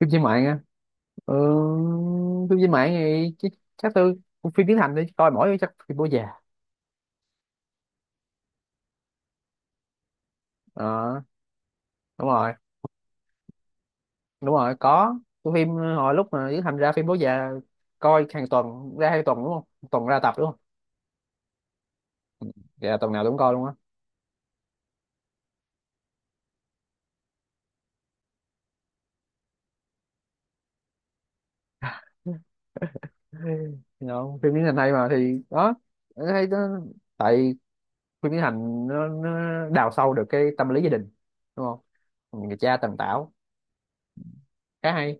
Phim trên mạng á? Ừ, phim trên mạng thì chắc tôi phim tiếng Thành đi coi mỗi chắc phim bố già. Ờ, Đúng rồi. Đúng rồi, có. Cái phim hồi lúc mà Tiến Thành ra phim bố già coi hàng tuần ra 2 tuần đúng không? Một tuần ra tập đúng không? Dạ tuần nào tôi cũng coi luôn á. Đâu, phim Tiến Thành hay mà thì đó, hay đó. Tại phim Tiến Thành nó đào sâu được cái tâm lý gia đình đúng không? Người cha tần tảo khá hay.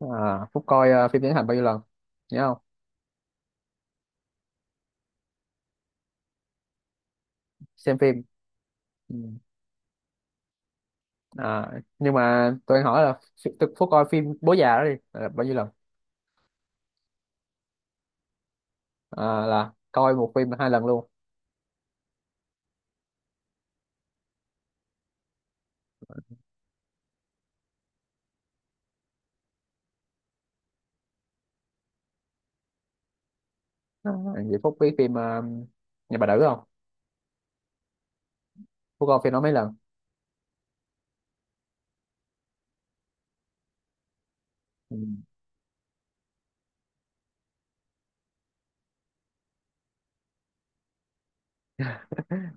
À, Phúc coi phim Tiến hành bao nhiêu lần nhớ không? Xem phim. Ừ. À, nhưng mà tôi hỏi là tôi Phúc coi phim Bố già đó đi là bao nhiêu lần? À, là coi một phim 2 lần luôn. À, vậy Phúc biết phim Nhà bà đỡ không? Phúc coi phim đó mấy lần? Ừ.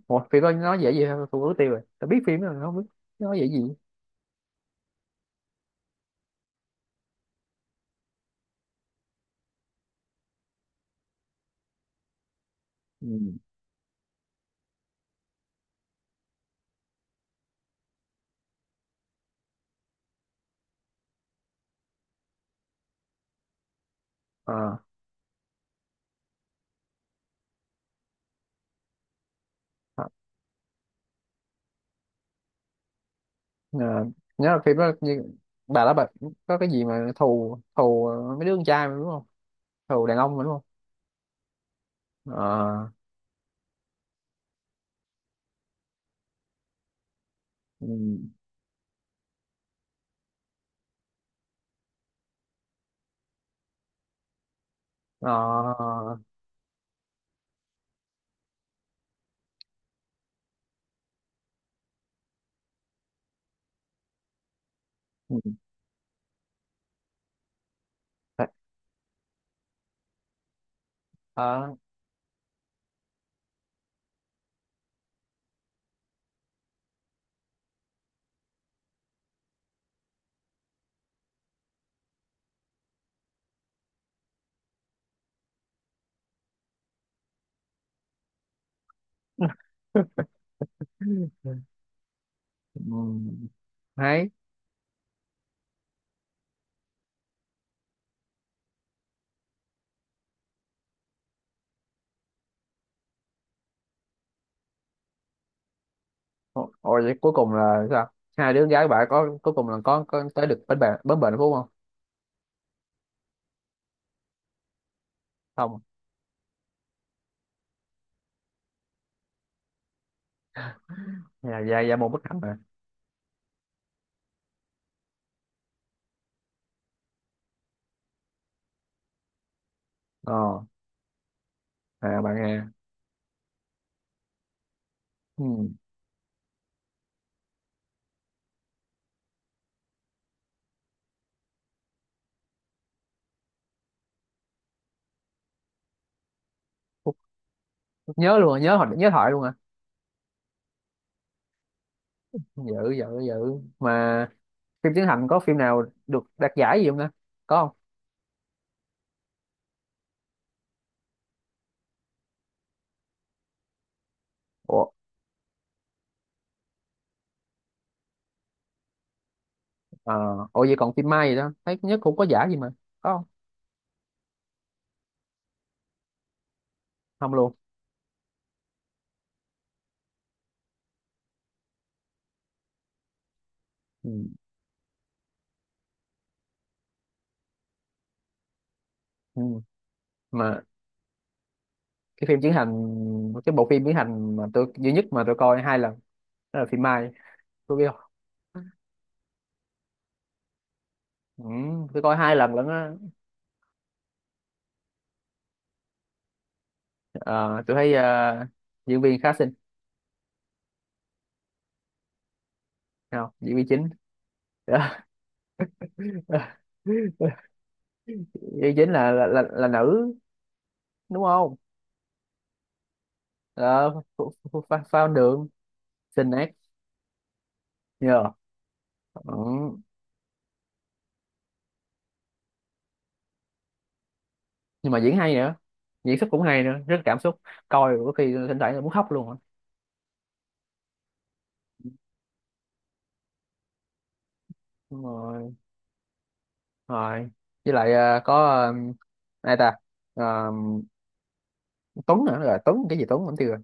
Ủa, phim đó nói dễ gì thôi Phúc ước tiêu rồi tôi biết phim đó rồi, không biết. Nói dễ gì. Ừ. À. À. À, nhớ là phim đó như bà đó bà có cái gì mà thù thù mấy đứa con trai mà đúng không? Thù đàn ông mà đúng không? À. Ừ. À. Ừ. Ờ. Ừm. Hay. Ồ, ồ, vậy cuối cùng là sao? Hai đứa gái bạn có cuối cùng là có tới được bến bạn bến bệnh phú không? Không. Dạ dạ dạ một bức ảnh mà. Ờ. À, bạn nghe. Ừm. phúc- Phúc nhớ luôn, à, nhớ thoại luôn à. Dữ dữ dữ. Mà phim Trấn Thành có phim nào được đạt giải gì không ta? Có không? Ủa. Ờ, ủa vậy còn phim Mai gì đó? Thấy nhất cũng có giải gì mà. Có không? Không luôn. Ừm. Ừm. Mà cái phim Trấn Thành, cái bộ phim Trấn Thành mà tôi duy nhất mà tôi coi 2 lần đó là phim Mai, tôi biết. Ừ, tôi coi hai lần lận á. Ờ, tôi thấy diễn viên khá xinh. Không, diễn viên chính. Diễn viên chính là nữ đúng không? ờ, phao đường xinh nét nhờ. Ừ. Nhưng mà diễn hay nữa, diễn xuất cũng hay nữa, rất cảm xúc. Coi có khi thỉnh thoảng là muốn khóc luôn á. Đúng rồi. Rồi. Với lại có ai ta. Ờ, Tuấn nữa. Rồi Tuấn cái gì, Tuấn vẫn chưa.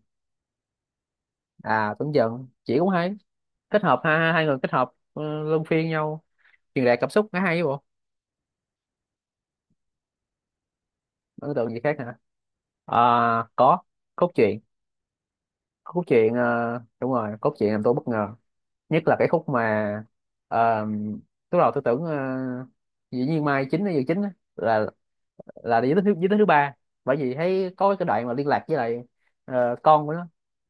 À Tuấn Dần chỉ cũng hay. Kết hợp ha, 2 người kết hợp luân phiên nhau truyền đạt cảm xúc nó hay bộ. Ấn tượng gì khác hả? À, có, cốt truyện. Cốt truyện đúng rồi, cốt truyện làm tôi bất ngờ. Nhất là cái khúc mà ờ, lúc đầu tôi tưởng dĩ nhiên Mai chính hay Dự chính á, là là giới thứ ba. Bởi vì thấy có cái đoạn mà liên lạc với lại con của nó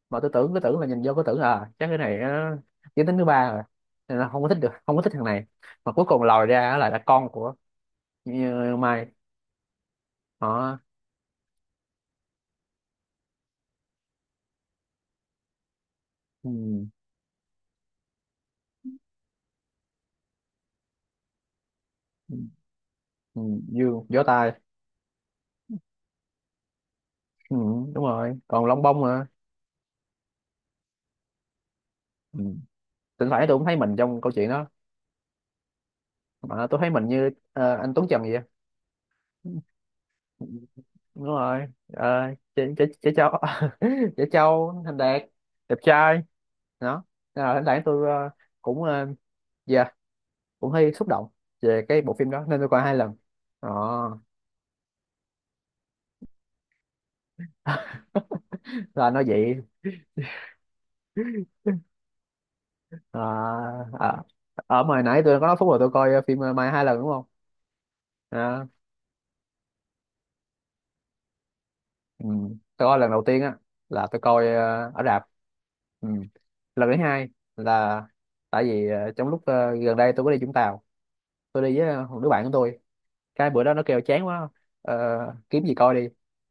mà tôi tưởng cứ tưởng là nhìn vô cứ tưởng là à, chắc cái này nó giới tính thứ ba rồi nên là không có thích được, không có thích thằng này mà cuối cùng lòi ra là con của như Mai họ. Ừ. Ừ. Ừ. Dương gió tai. Ừ, đúng rồi còn Long Bông nữa. Ừ. Thỉnh thoảng tôi cũng thấy mình trong câu chuyện đó mà tôi thấy mình như anh Tuấn Trần vậy. Ừ, đúng rồi. Ờ, chị Châu. Chị Châu Thành Đạt đẹp trai đó. Nên là thỉnh thoảng tôi cũng dạ cũng hơi xúc động về cái bộ phim đó nên tôi coi 2 lần đó. Là nó vậy. Ờ. Ờ. Ở mà nãy tôi có nói phút rồi tôi coi phim Mai 2 lần đúng không? Đó. Ừ. Tôi coi lần đầu tiên á là tôi coi ở rạp. Ừ. Lần thứ hai là tại vì trong lúc gần đây tôi có đi Vũng Tàu. Tôi đi với một đứa bạn của tôi. Cái bữa đó nó kêu chán quá, ờ, kiếm gì coi đi.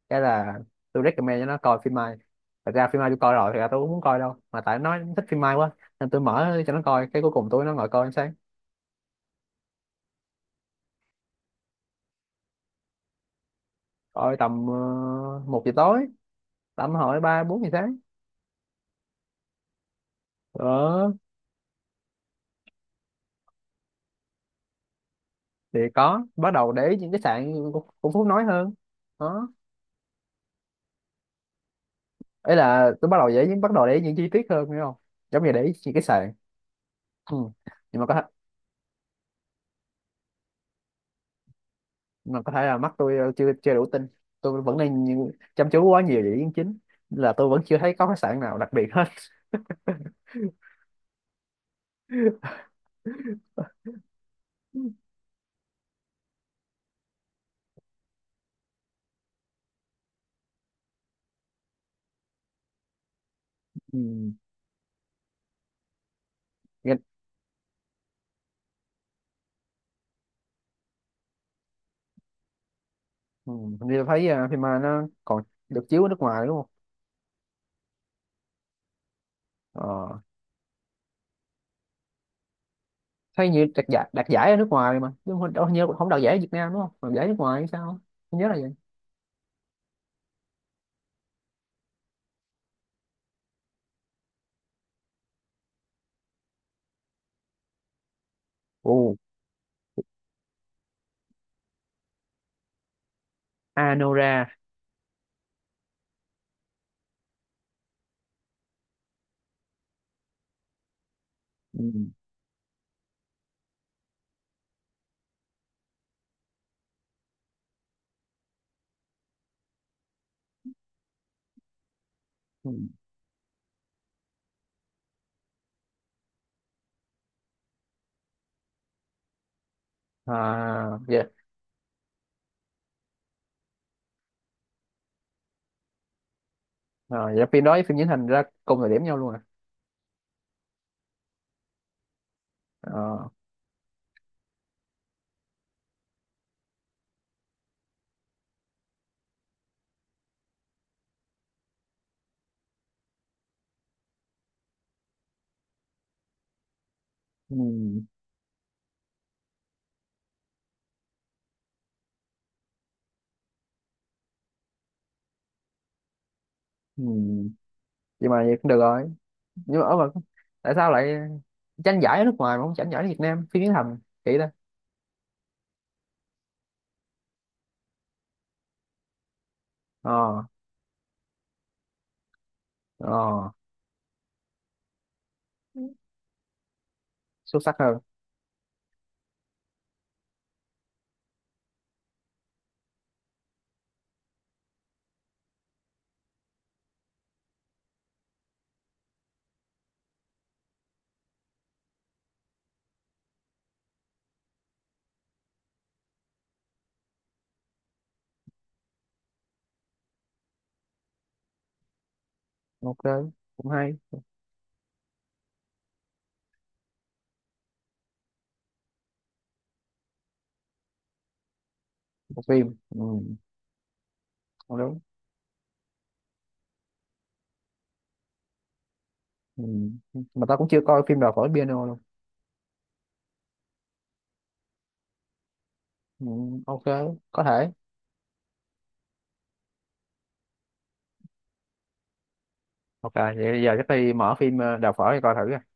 Cái là tôi recommend cho nó coi phim Mai. Thật ra phim Mai tôi coi rồi, thật ra tôi cũng muốn coi đâu mà tại nó thích phim Mai quá nên tôi mở cho nó coi cái cuối cùng tôi nó ngồi coi đến sáng. Coi tầm 1 giờ tối tầm hỏi 3-4 giờ sáng. Ờ, thì có bắt đầu để ý những cái sạn của Phú nói hơn. Đó. Ấy là tôi bắt đầu để ý những bắt đầu để ý những chi tiết hơn hiểu không? Giống như để ý những cái sạn. Ừ. Nhưng mà có thể là mắt tôi chưa chưa đủ tin. Tôi vẫn đang chăm chú quá nhiều về ý kiến chính. Nên là tôi vẫn chưa thấy có cái sạn nào đặc biệt hết. Ừ. nghe- ừ. Hình như tôi thấy phim mà nó còn được chiếu ở nước ngoài đúng không? Ờ. Thấy như đạt giải, đạt giải ở nước ngoài mà nhưng mà đâu hình như không đạt giải ở Việt Nam đúng không mà đạt giải nước ngoài hay sao? Không nhớ là vậy. Ồ. Anora. Ừ. Ừ. À. Dạ. À, dạ phim đó với phim diễn thành ra cùng thời điểm nhau luôn à. À. Ừ. Ừ. Vậy mà vậy cũng được rồi. Nhưng mà ở mà tại sao lại tranh giải ở nước ngoài mà không tranh giải ở Việt Nam phim diễn thành kỹ đó? Ờ. Ờ. Xuất sắc hơn. OK. Cũng hay. Một phim. Ừ. Không đúng. Ừ. Mà tao cũng chưa coi phim đào phở piano luôn. Ừ. OK. Có thể. OK, vậy bây giờ chắc đi mở phim đào phở đi coi thử à.